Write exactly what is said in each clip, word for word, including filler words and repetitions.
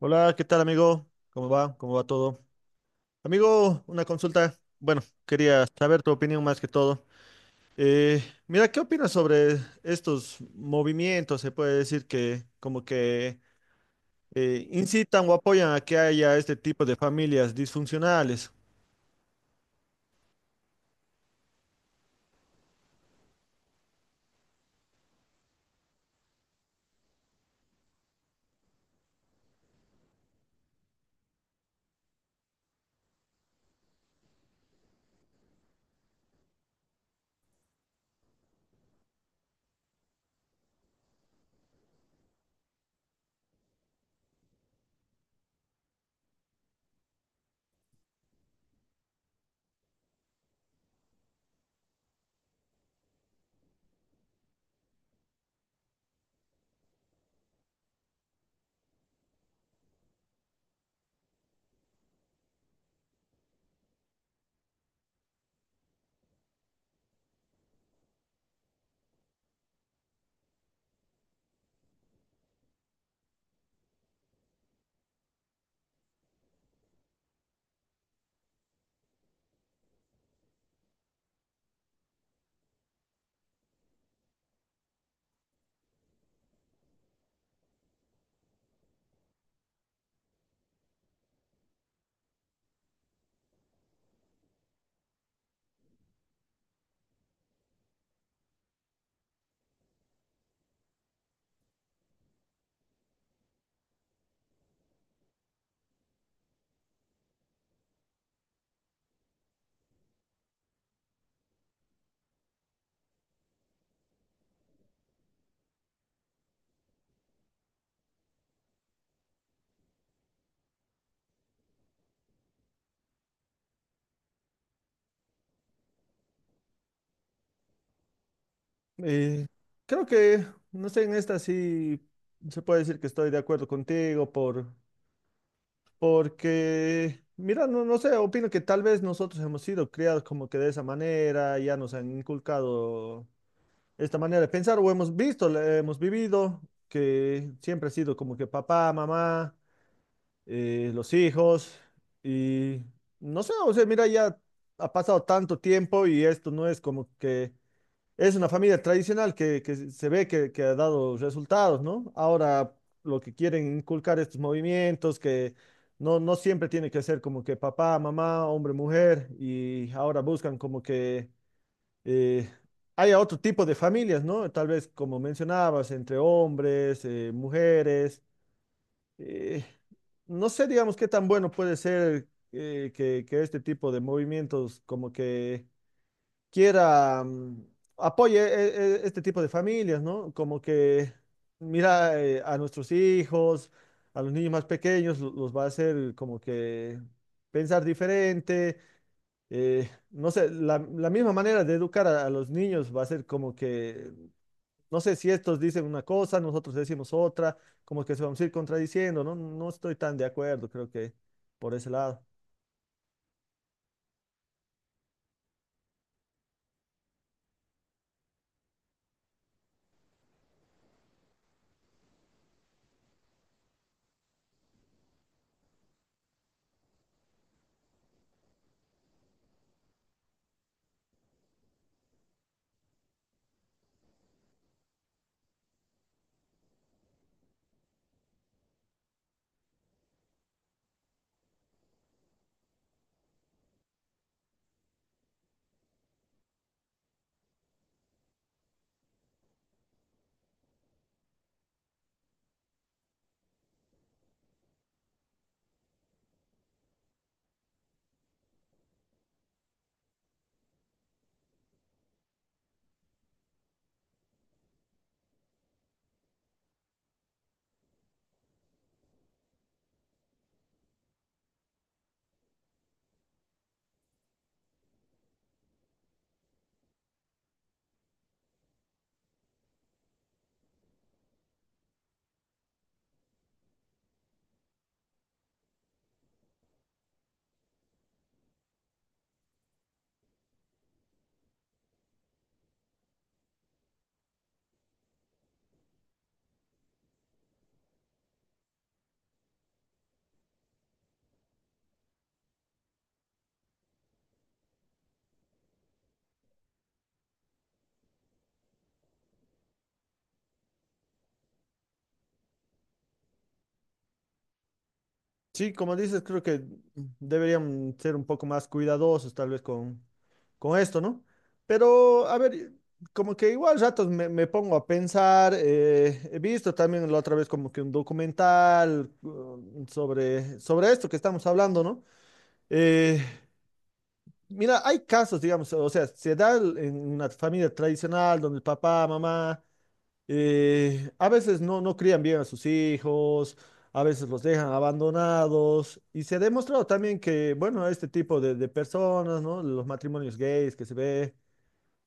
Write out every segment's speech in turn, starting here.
Hola, ¿qué tal, amigo? ¿Cómo va? ¿Cómo va todo? Amigo, una consulta. Bueno, quería saber tu opinión más que todo. Eh, Mira, ¿qué opinas sobre estos movimientos? Se puede decir que como que eh, incitan o apoyan a que haya este tipo de familias disfuncionales. Eh, Creo que, no sé, en esta sí se puede decir que estoy de acuerdo contigo por. Porque, mira, no, no sé, opino que tal vez nosotros hemos sido criados como que de esa manera, ya nos han inculcado esta manera de pensar, o hemos visto, la- hemos vivido, que siempre ha sido como que papá, mamá, eh, los hijos, y no sé, o sea, mira, ya ha pasado tanto tiempo y esto no es como que es una familia tradicional que, que se ve que, que ha dado resultados, ¿no? Ahora lo que quieren inculcar estos movimientos, que no, no siempre tiene que ser como que papá, mamá, hombre, mujer, y ahora buscan como que eh, haya otro tipo de familias, ¿no? Tal vez como mencionabas, entre hombres, eh, mujeres. eh, no sé, digamos, qué tan bueno puede ser eh, que, que este tipo de movimientos como que quiera, mm, apoye eh, eh, este tipo de familias, ¿no? Como que mira eh, a nuestros hijos, a los niños más pequeños, lo- los va a hacer como que pensar diferente. Eh, no sé, la, la misma manera de educar a, a los niños va a ser como que, no sé si estos dicen una cosa, nosotros decimos otra, como que se vamos a ir contradiciendo, ¿no? No estoy tan de acuerdo, creo que por ese lado. Sí, como dices, creo que deberían ser un poco más cuidadosos tal vez con, con esto, ¿no? Pero, a ver, como que igual ratos me, me pongo a pensar, eh, he visto también la otra vez como que un documental um, sobre, sobre esto que estamos hablando, ¿no? Eh, Mira, hay casos, digamos, o sea, se da el- en una familia tradicional donde el papá, mamá eh, a veces no, no crían bien a sus hijos, a veces los dejan abandonados y se ha demostrado también que, bueno, este tipo de, de personas, ¿no? Los matrimonios gays que se ve,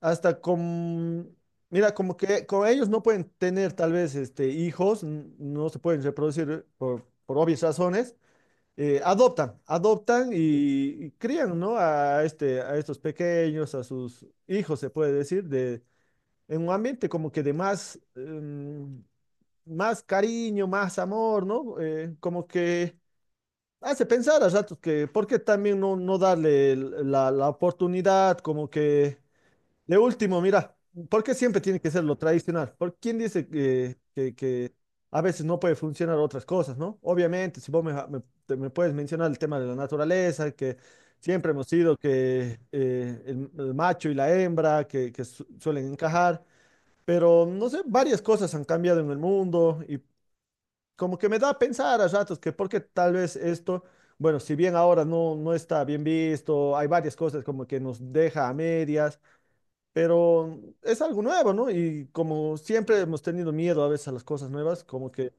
hasta con, mira, como que con ellos no pueden tener tal vez este, hijos, n- no se pueden reproducir por, por obvias razones. Eh, adoptan, adoptan y, y crían, ¿no? A este, a estos pequeños, a sus hijos, se puede decir, de, en un ambiente como que de más, em, más cariño, más amor, ¿no? Eh, como que hace pensar a ratos que, ¿por qué también no, no darle la, la oportunidad? Como que, de último, mira, ¿por qué siempre tiene que ser lo tradicional? ¿Por quién dice que, que, que a veces no puede funcionar otras cosas, ¿no? Obviamente, si vos me, me- te- me puedes mencionar el tema de la naturaleza, que siempre hemos sido que eh, el, el macho y la hembra, que, que su- suelen encajar. Pero no sé, varias cosas han cambiado en el mundo y como que me da a pensar a ratos que porque tal vez esto, bueno, si bien ahora no, no está bien visto, hay varias cosas como que nos deja a medias, pero es algo nuevo, ¿no? Y como siempre hemos tenido miedo a veces a las cosas nuevas, como que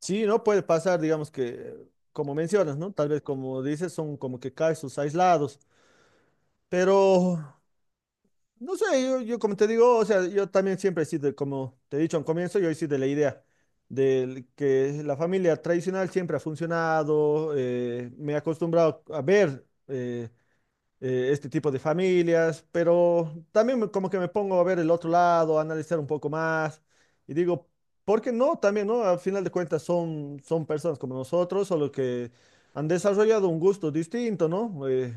sí, ¿no? Puede pasar, digamos que, como mencionas, ¿no? Tal vez como dices, son como que casos aislados, pero no sé, yo, yo como te digo, o sea, yo también siempre he sido, como te he dicho al comienzo, yo he sido de la idea de que la familia tradicional siempre ha funcionado, eh, me he acostumbrado a ver. Eh, eh, este tipo de familias, pero también me- como que me pongo a ver el otro lado, a analizar un poco más y digo, ¿por qué no? También, ¿no? Al final de cuentas son, son personas como nosotros, solo que han desarrollado un gusto distinto, ¿no? Eh,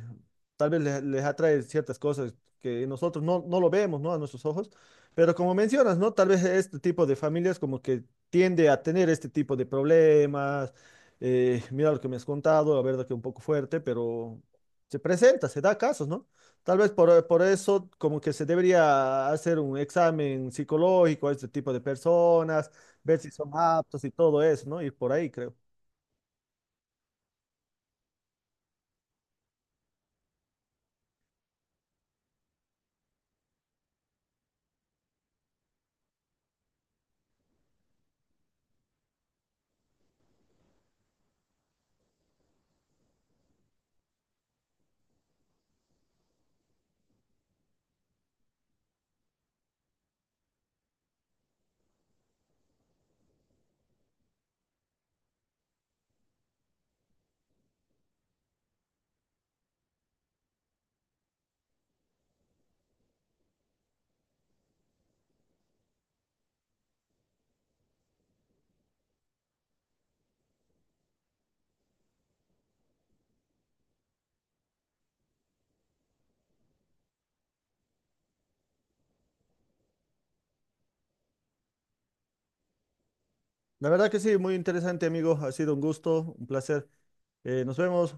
Tal vez les, les atrae ciertas cosas que nosotros no, no lo vemos, ¿no? A nuestros ojos, pero como mencionas, ¿no? Tal vez este tipo de familias como que tiende a tener este tipo de problemas. Eh, mira lo que me has contado, la verdad que un poco fuerte, pero se presenta, se da casos, ¿no? Tal vez por, por eso como que se debería hacer un examen psicológico a este tipo de personas, ver si son aptos y todo eso, ¿no? Y por ahí creo. La verdad que sí, muy interesante, amigo. Ha sido un gusto, un placer. Eh, nos vemos.